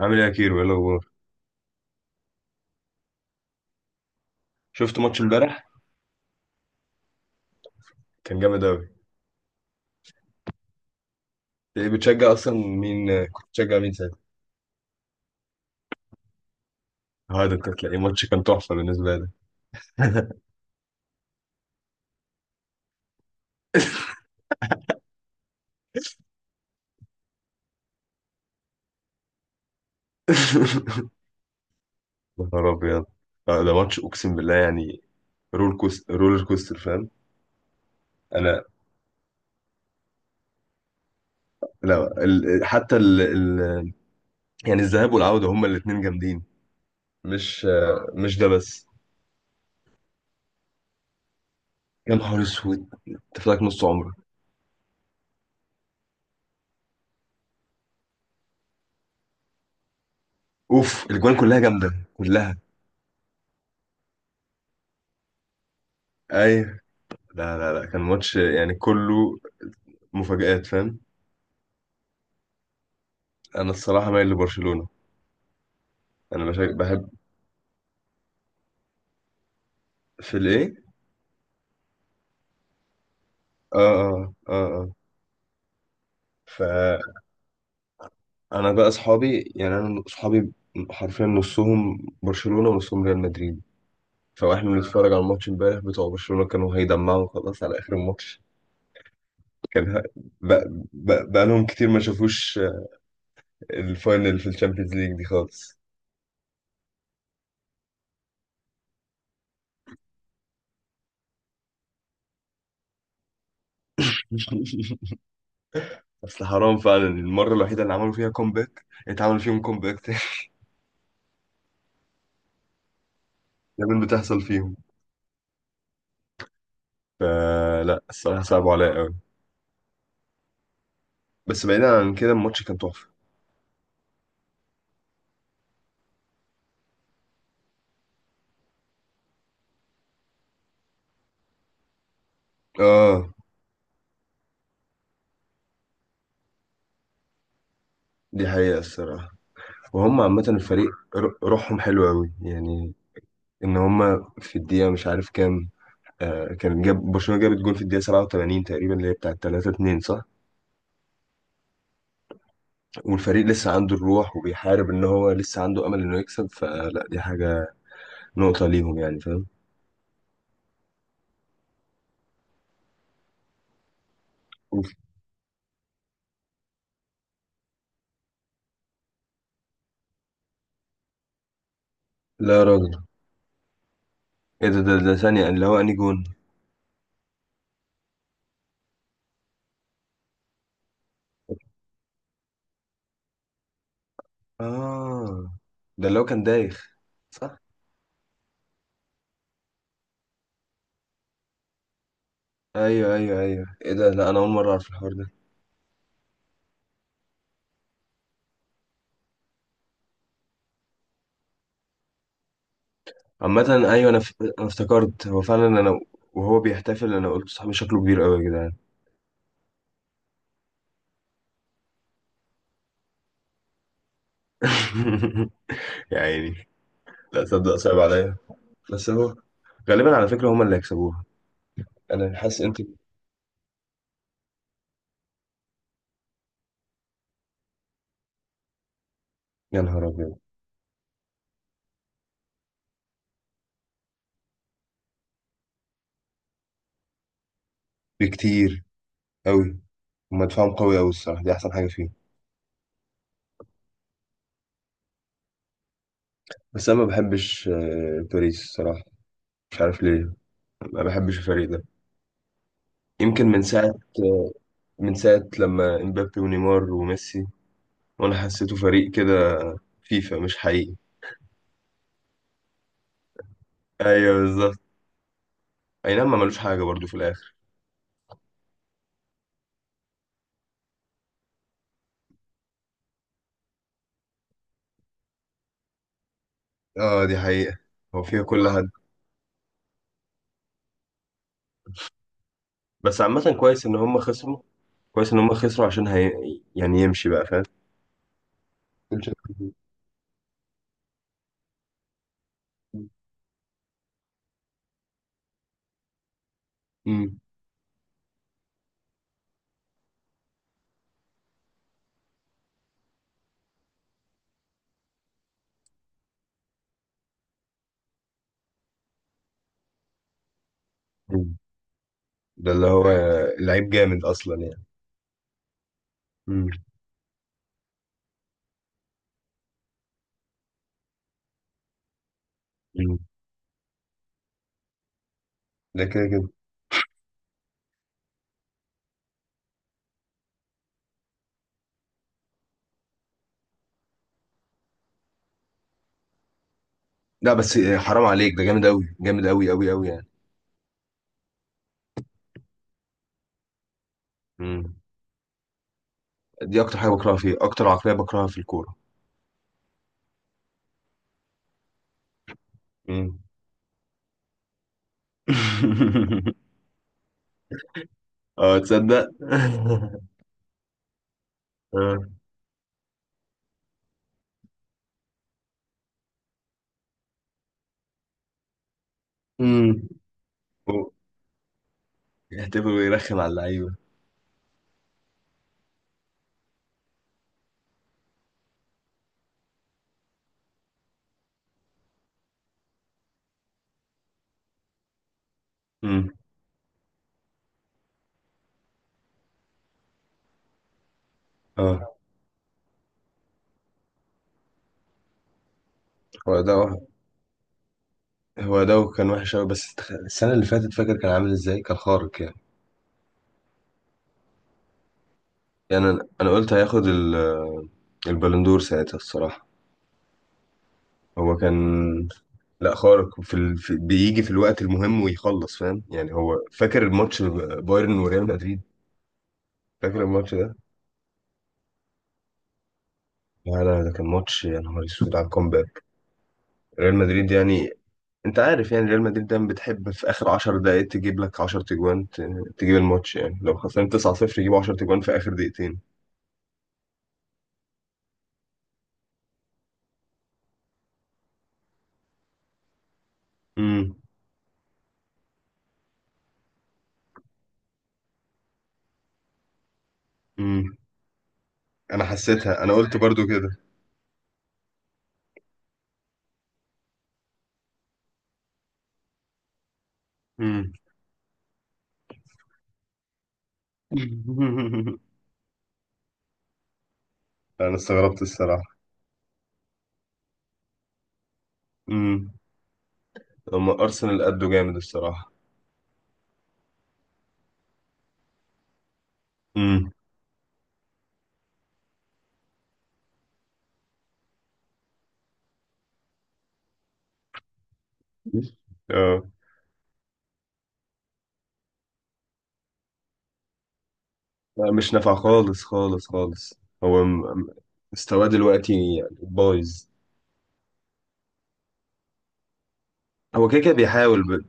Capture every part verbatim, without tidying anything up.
عامل ايه يا كيرو؟ ايه الاخبار؟ شفت ماتش امبارح؟ كان جامد اوي. ايه بتشجع اصلا؟ مين كنت بتشجع مين ساعتها؟ هذا انت تلاقي ماتش كان تحفه بالنسبه لك. يا نهار ابيض. آه، ده ماتش اقسم بالله يعني. رول كوست رولر كوستر فاهم. انا لا ال... حتى ال... ال... يعني الذهاب والعوده هما الاثنين جامدين. مش آه، مش ده بس. يا نهار اسود، انت فاكر نص عمرك. اوف، الاجوان كلها جامده كلها. ايوه. لا لا لا، كان ماتش يعني كله مفاجآت فاهم. انا الصراحه مايل لبرشلونه. انا بشا- بحب. في الايه؟ اه اه اه اه. فانا بقى اصحابي يعني انا اصحابي حرفيا، نصهم برشلونه ونصهم ريال مدريد. فاحنا بنتفرج على الماتش امبارح، بتوع برشلونه كانوا هيدمعوا خلاص على اخر الماتش. كان ه- بقى, بقى, بقى لهم كتير ما شافوش الفاينل في الشامبيونز ليج دي خالص. اصل حرام فعلا، المره الوحيده اللي عملوا فيها كومباك اتعمل فيهم كومباك تاني. دايما بتحصل فيهم. فلا الصراحه صعبوا عليا قوي. بس بعيدا عن كده الماتش كان تحفة. اه دي حقيقة الصراحة. وهم عامة الفريق ر- روحهم حلوة أوي يعني. إن هم في الدقيقة مش عارف كام، آه كان جاب برشلونة جابت جول في الدقيقة سبعة وثمانين تقريبا، اللي هي بتاعة تلاتة اتنين، صح؟ والفريق لسه عنده الروح وبيحارب، إن هو لسه عنده أمل إنه يكسب، فلا دي حاجة، نقطة ليهم يعني فاهم؟ لا يا راجل. إيه ده ده ده ثانية، اللي هو أنهي جون؟ آه، ده اللي هو كان دايخ صح؟ أيوه أيوه أيوه، إيه ده؟ لا أنا أول مرة أعرف الحوار ده. عامة. أيوة، أنا ف- أنا افتكرت هو فعلا، أنا وهو بيحتفل أنا قلت صاحبي شكله كبير أوي يا جدعان. يا عيني، لا تصدق صعب عليا. بس هو غالبا على فكرة هما اللي هيكسبوها، أنا حاسس. أنت؟ يا نهار أبيض. بكتير أوي. هما دفاعهم قوي أوي الصراحة، دي أحسن حاجة فيه. بس أنا ما بحبش آه، باريس الصراحة. مش عارف ليه. ما بحبش الفريق ده. يمكن من ساعة من ساعة لما امبابي ونيمار وميسي، وأنا حسيته فريق كده، فيفا مش حقيقي. ايوه. اي نعم، ما ملوش حاجة برضو في الاخر. اه دي حقيقة. هو فيها كل حد. بس عامة كويس ان هم خسروا. كويس ان هم خسروا عشان هي... يعني يمشي بقى فاهم. يمشي. مم. مم. ده اللي هو لعيب جامد اصلا يعني. مم. مم. ده كده كده. لا بس حرام عليك، ده جامد قوي جامد قوي قوي قوي يعني. مم. دي اكتر حاجة بكرهها فيه، اكتر عقلية بكرهها في الكورة. مم. اه، تصدق. اه. امم يحتفل ويرخم على اللعيبة. مم. اه. هو ده وح- هو ده كان وحش قوي، بس تخ- السنة اللي فاتت فاكر كان عامل ازاي؟ كان خارق يعني. يعني انا أنا قلت هياخد ال- البالندور ساعتها الصراحة. هو كان. لا خارق، في ال... في... بيجي في الوقت المهم ويخلص فاهم يعني. هو فاكر الماتش بايرن وريال مدريد؟ فاكر الماتش ده؟ لا لا، ده كان ماتش يا نهار اسود على الكومباك. ريال مدريد يعني، انت عارف يعني، ريال مدريد دايما بتحب في اخر عشر دقايق دقائق تجيب لك 10 تجوان، ت... تجيب الماتش يعني. لو خسران تسعة صفر يجيبوا 10 تجوان في اخر دقيقتين. امم امم انا حسيتها، انا قلت برضو كده. امم انا استغربت الصراحه. امم هما ارسنال قدوا جامد الصراحه. امم اه. لا مش نافع خالص خالص خالص. هو م- م- مستواه دلوقتي يعني بايظ. هو كده كده بيحاول ب-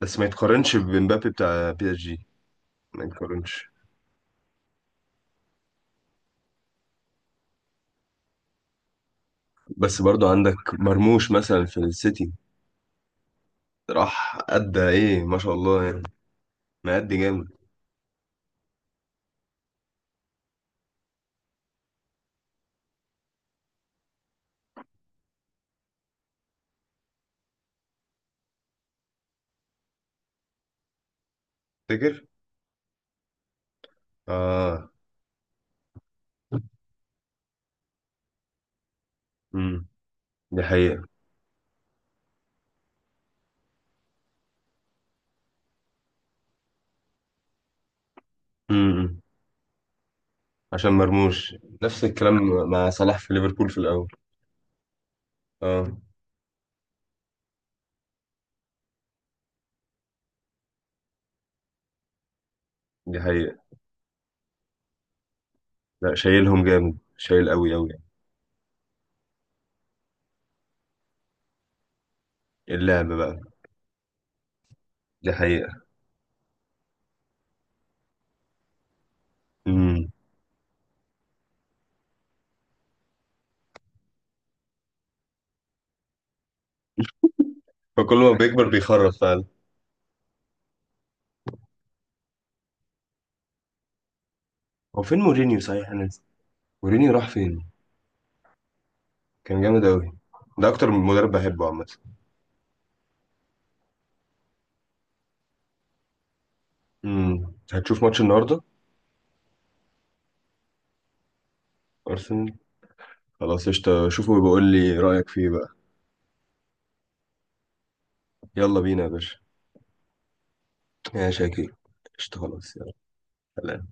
بس ما يتقارنش بمبابي بتاع بي اس جي. ما يتقارنش. بس برضو عندك مرموش مثلا في السيتي، راح أدى إيه ما شاء الله يعني، مأدي جامد. فاكر؟ آه. امم دي حقيقة. امم عشان مرموش، نفس الكلام مع صلاح في ليفربول في الاول. اه. دي حقيقة. لا شايلهم جامد، شايل قوي قوي يعني. اللعب بقى. دي حقيقة. امم فكل ما بيكبر بيخرف فعلا. هو فين مورينيو صحيح؟ انا نسيت. مورينيو راح فين؟ كان جامد قوي، ده اكتر مدرب بحبه عامة. امم هتشوف ماتش النهاردة؟ ارسنال. خلاص قشطة، شوفه وبقول لي رأيك فيه بقى. يلا بينا يا باشا. يا شاكي، قشطة خلاص يلا. سلام.